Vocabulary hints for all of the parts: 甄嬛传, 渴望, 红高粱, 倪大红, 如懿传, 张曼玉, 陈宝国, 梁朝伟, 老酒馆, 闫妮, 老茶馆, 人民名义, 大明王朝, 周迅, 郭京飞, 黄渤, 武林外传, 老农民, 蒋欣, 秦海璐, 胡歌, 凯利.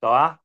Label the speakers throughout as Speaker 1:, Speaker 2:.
Speaker 1: 早啊。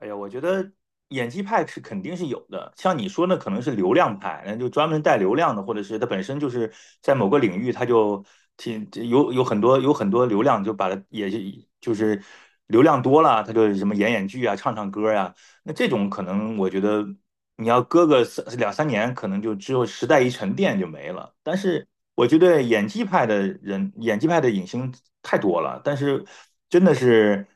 Speaker 1: 哎呀，我觉得演技派是肯定是有的，像你说那可能是流量派，那就专门带流量的，或者是他本身就是在某个领域，他就挺有有很多有很多流量，就把它也是就是流量多了，他就什么演剧啊，唱唱歌呀。那这种可能我觉得你要搁个三年，可能就只有时代一沉淀就没了。但是我觉得演技派的人，演技派的影星太多了，但是真的是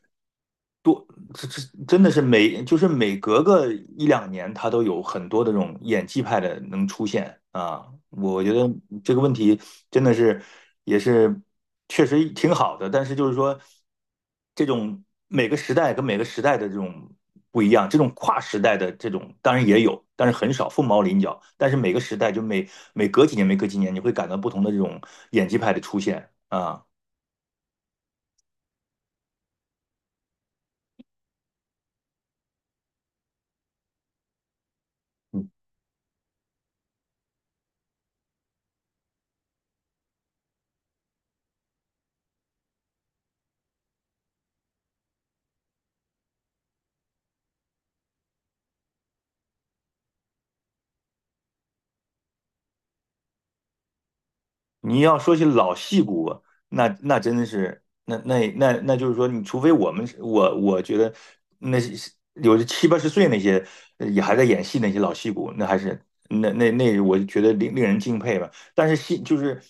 Speaker 1: 多，这真的是每就是每隔个一两年，他都有很多的这种演技派的能出现啊。我觉得这个问题真的是也是确实挺好的，但是就是说。这种每个时代跟每个时代的这种不一样，这种跨时代的这种当然也有，但是很少，凤毛麟角。但是每个时代每隔几年、每隔几年，你会感到不同的这种演技派的出现啊。你要说起老戏骨，那真的是，那就是说，你除非我们是我我觉得那些有的七八十岁那些也还在演戏那些老戏骨，那还是那那那，我就觉得令人敬佩吧。但是戏就是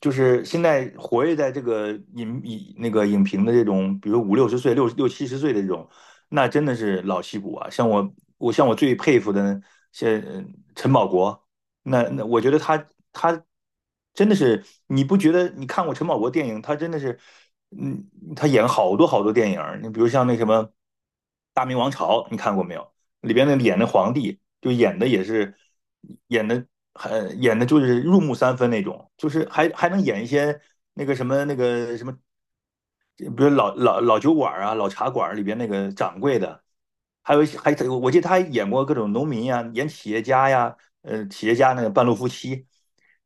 Speaker 1: 就是现在活跃在这个影影那个影评的这种，比如五六十岁、六七十岁的这种，那真的是老戏骨啊。像我最佩服的，像陈宝国。那我觉得他真的是，你不觉得？你看过陈宝国电影，他真的是，嗯，他演好多好多电影儿，你比如像那什么《大明王朝》，你看过没有？里边那演的皇帝，就演的也是演的很演的就是入木三分那种，就是还能演一些那个什么，比如老酒馆啊、老茶馆里边那个掌柜的，还有一些我记得他还演过各种农民呀、演企业家呀，企业家那个半路夫妻，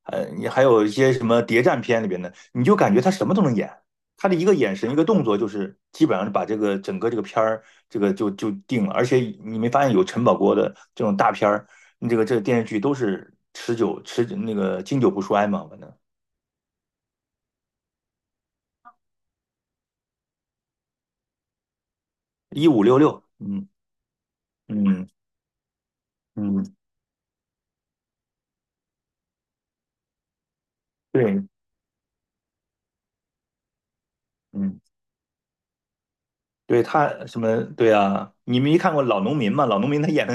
Speaker 1: 你还有一些什么谍战片里边的，你就感觉他什么都能演。他的一个眼神、一个动作，就是基本上是把这个整个片儿就定了。而且你没发现有陈宝国的这种大片儿，你这个电视剧都是持久持那个经久不衰嘛，反正1566。嗯嗯嗯，对，嗯。对他什么？对啊，你们没看过《老农民》吗？《老农民》他演的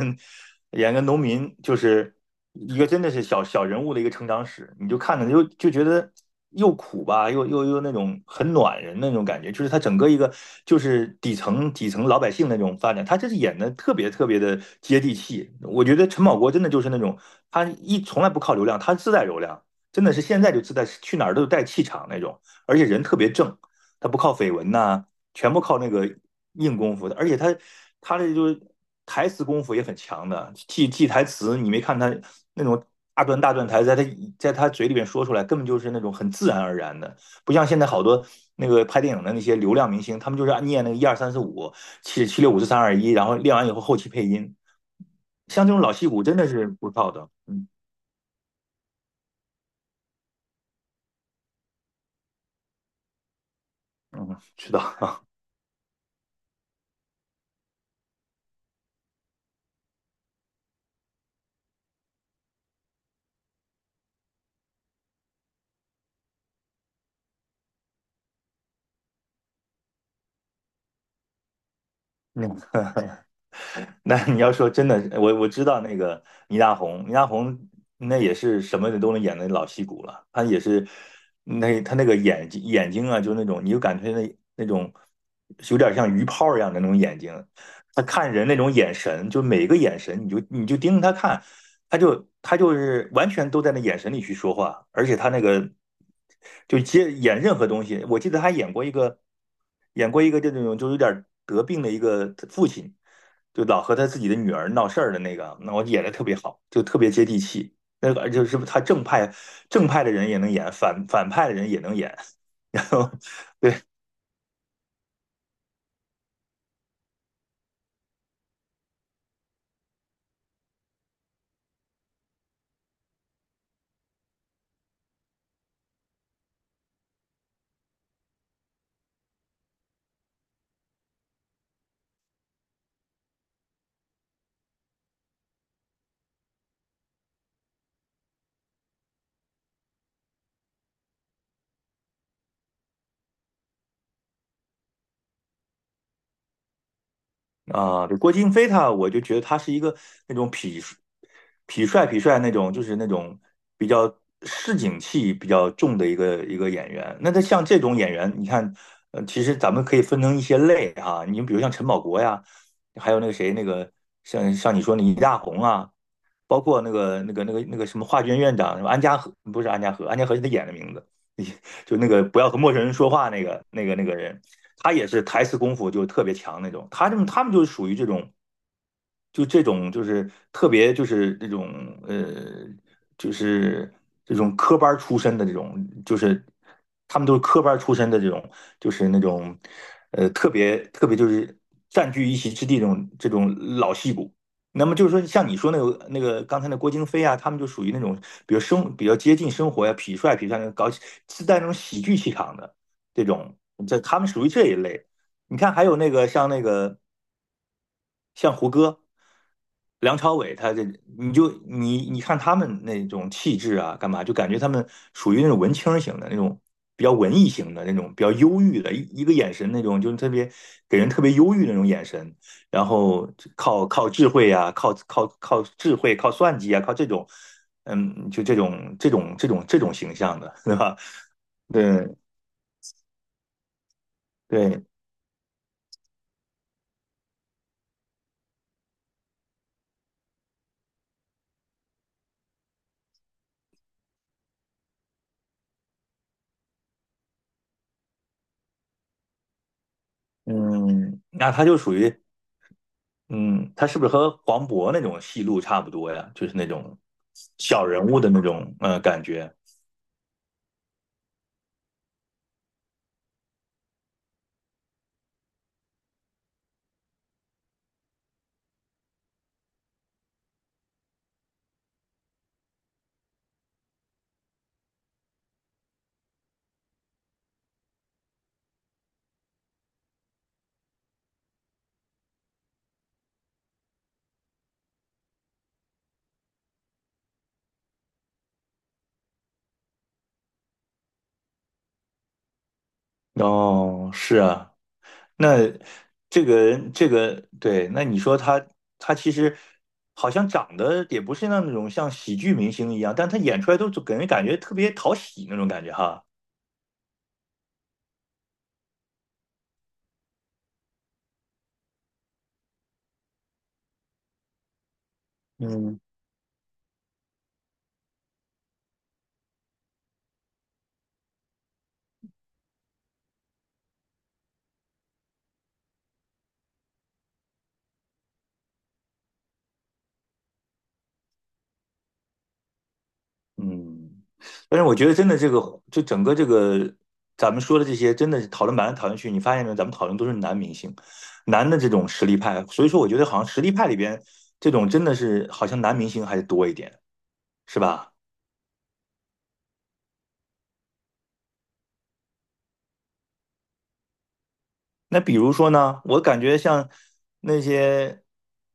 Speaker 1: 演个农民，就是一个真的是小小人物的一个成长史，你就看着就觉得又苦吧，又那种很暖人的那种感觉，就是他整个一个就是底层老百姓那种发展，他这是演的特别特别的接地气。我觉得陈宝国真的就是那种他从来不靠流量，他自带流量，真的是现在就自带去哪儿都带气场那种，而且人特别正，他不靠绯闻呐，全部靠那个硬功夫的，而且他这就是台词功夫也很强的，记记台词。你没看他那种大段大段台词，在他嘴里边说出来，根本就是那种很自然而然的。不像现在好多那个拍电影的那些流量明星，他们就是念那个一二三四五七七六五四三二一，然后练完以后后期配音。像这种老戏骨真的是不靠的。嗯嗯，知道啊。那个。那你要说真的，我知道那个倪大红，倪大红那也是什么都能演的老戏骨了。他也是。那他那个眼睛啊，就那种你就感觉那种有点像鱼泡一样的那种眼睛。他看人那种眼神，就每个眼神，你就盯着他看，他就是完全都在那眼神里去说话。而且他那个就接演任何东西。我记得他演过一个这种就有点得病的一个父亲，就老和他自己的女儿闹事儿的那个，那我演的特别好，就特别接地气。那个就是他正派的人也能演，反派的人也能演。然后对 啊，对，郭京飞他，我就觉得他是一个那种痞帅那种，就是那种比较市井气比较重的一个演员。那他像这种演员，你看，其实咱们可以分成一些类哈，你比如像陈宝国呀，还有那个谁，那个像你说那倪大红啊，包括那个什么华卷院长，什么安家和不是安家和，安家和是他演的名字。就那个不要和陌生人说话那个人，他也是台词功夫就特别强那种。他这么他们就是属于这种，就这种就是特别就是这种呃就是这种科班出身的这种，就是他们都是科班出身的这种，就是那种特别特别就是占据一席之地这种老戏骨。那么就是说，像你说那个刚才那郭京飞啊，他们就属于那种比如比较接近生活呀、痞帅痞帅那种自带那种喜剧气场的这种，这他们属于这一类。你看，还有那个像那个像胡歌、梁朝伟，你就你你看他们那种气质啊，干嘛就感觉他们属于那种文青型的那种，比较文艺型的那种，比较忧郁的，一个眼神那种，就是特别给人特别忧郁的那种眼神。然后靠智慧啊，靠智慧，靠算计啊，靠这种，就这种形象的，对吧？对对。嗯，那他就属于。嗯，他是不是和黄渤那种戏路差不多呀？就是那种小人物的那种感觉。哦，是啊，那这个人这个对，那你说他，他其实好像长得也不是那种像喜剧明星一样，但他演出来都就给人感觉特别讨喜那种感觉哈。嗯。嗯，但是我觉得真的这个，就整个这个咱们说的这些，真的是讨论来讨论去，你发现没有？咱们讨论都是男明星，男的这种实力派，所以说我觉得好像实力派里边这种真的是好像男明星还是多一点，是吧？那比如说呢，我感觉像那些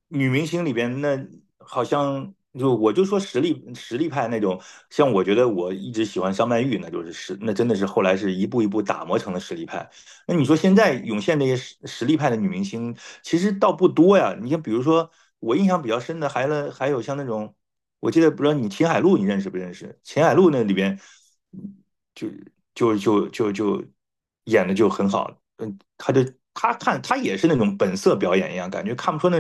Speaker 1: 女明星里边，那好像就我就说实力派那种，像我觉得我一直喜欢张曼玉，那就是那真的是后来是一步一步打磨成了实力派。那你说现在涌现这些实力派的女明星，其实倒不多呀。你像比如说我印象比较深的，还有像那种。我记得不知道你秦海璐你认识不认识？秦海璐那里边就就就就就演的就很好，他就他看他也是那种本色表演一样，感觉看不出那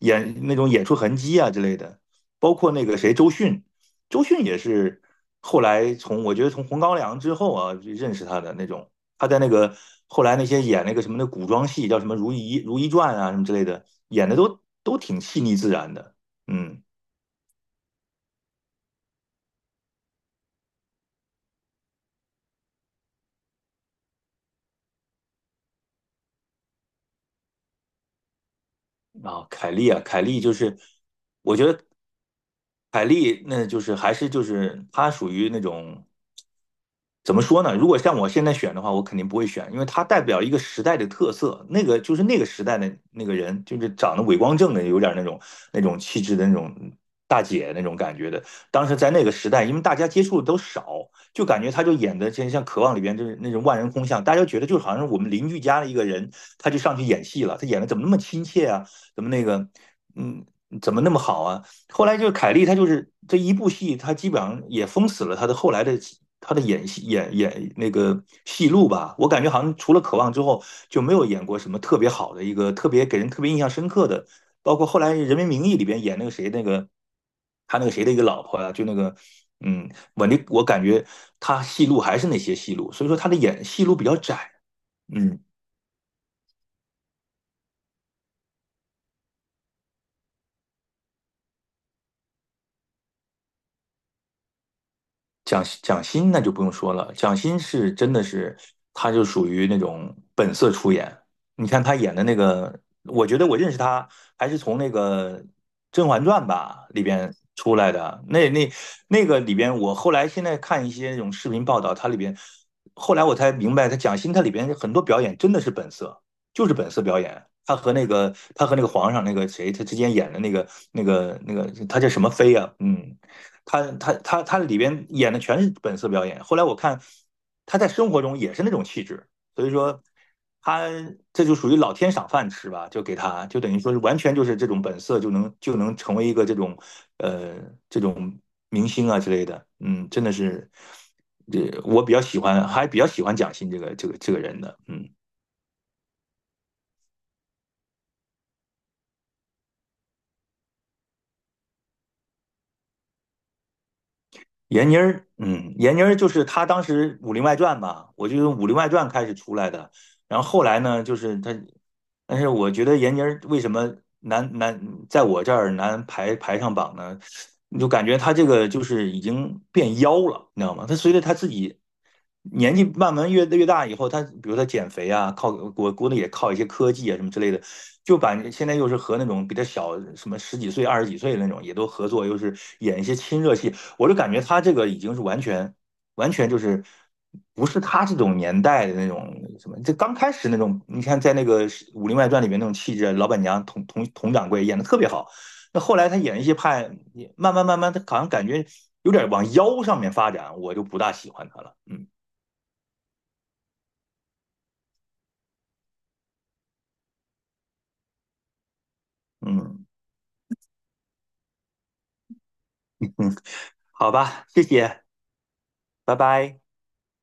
Speaker 1: 演那种演出痕迹啊之类的。包括那个谁周迅也是后来从我觉得从《红高粱》之后啊认识他的那种，他在那个后来那些演那个什么的古装戏叫什么《如懿传》啊什么之类的，演的都挺细腻自然的，嗯。啊，凯利就是，我觉得凯利那就是还是就是她属于那种。怎么说呢？如果像我现在选的话，我肯定不会选，因为它代表一个时代的特色。那个就是那个时代的那个人，就是长得伟光正的，有点那种气质的那种大姐那种感觉的。当时在那个时代，因为大家接触的都少，就感觉他就演的真像《渴望》里边就是那种万人空巷，大家觉得就好像是我们邻居家的一个人，他就上去演戏了。他演的怎么那么亲切啊？怎么那个，嗯，怎么那么好啊？后来就是凯莉，她就是这一部戏，她基本上也封死了她的后来的她的演戏演那个戏路吧。我感觉好像除了《渴望》之后，就没有演过什么特别好的一个特别给人特别印象深刻的。包括后来《人民名义》里边演那个谁那个他那个谁的一个老婆啊，就那个嗯，我感觉他戏路还是那些戏路，所以说他的演戏路比较窄。嗯。蒋欣那就不用说了，蒋欣是真的是，她就属于那种本色出演。你看她演的那个，我觉得我认识她还是从那个《甄嬛传》吧里边出来的。那个里边，我后来现在看一些那种视频报道，它里边后来我才明白，她蒋欣她里边很多表演真的是本色，就是本色表演。她和那个皇上那个谁，她之间演的那个，她叫什么妃啊？嗯，他里边演的全是本色表演。后来我看他在生活中也是那种气质，所以说他这就属于老天赏饭吃吧，就给他就等于说是完全就是这种本色就能成为一个呃这种明星啊之类的。嗯，真的是，这我比较喜欢，还比较喜欢蒋欣这个人的。嗯，闫妮儿，嗯，闫妮儿就是她当时《武林外传》吧，我就用《武林外传》开始出来的。然后后来呢，就是但是我觉得闫妮儿为什么难在我这儿难排上榜呢？你就感觉她这个就是已经变妖了，你知道吗？她随着她自己年纪慢慢越大以后，她比如她减肥啊，靠我估计也靠一些科技啊什么之类的，就把现在又是和那种比她小什么十几岁、二十几岁的那种也都合作，又是演一些亲热戏，我就感觉她这个已经是完全。完全就是不是他这种年代的那种什么，这刚开始那种，你看在那个《武林外传》里面那种气质，老板娘佟掌柜演的特别好。那后来他演一些派，慢慢，他好像感觉有点往妖上面发展，我就不大喜欢他了。嗯嗯嗯，好吧，谢谢，拜拜。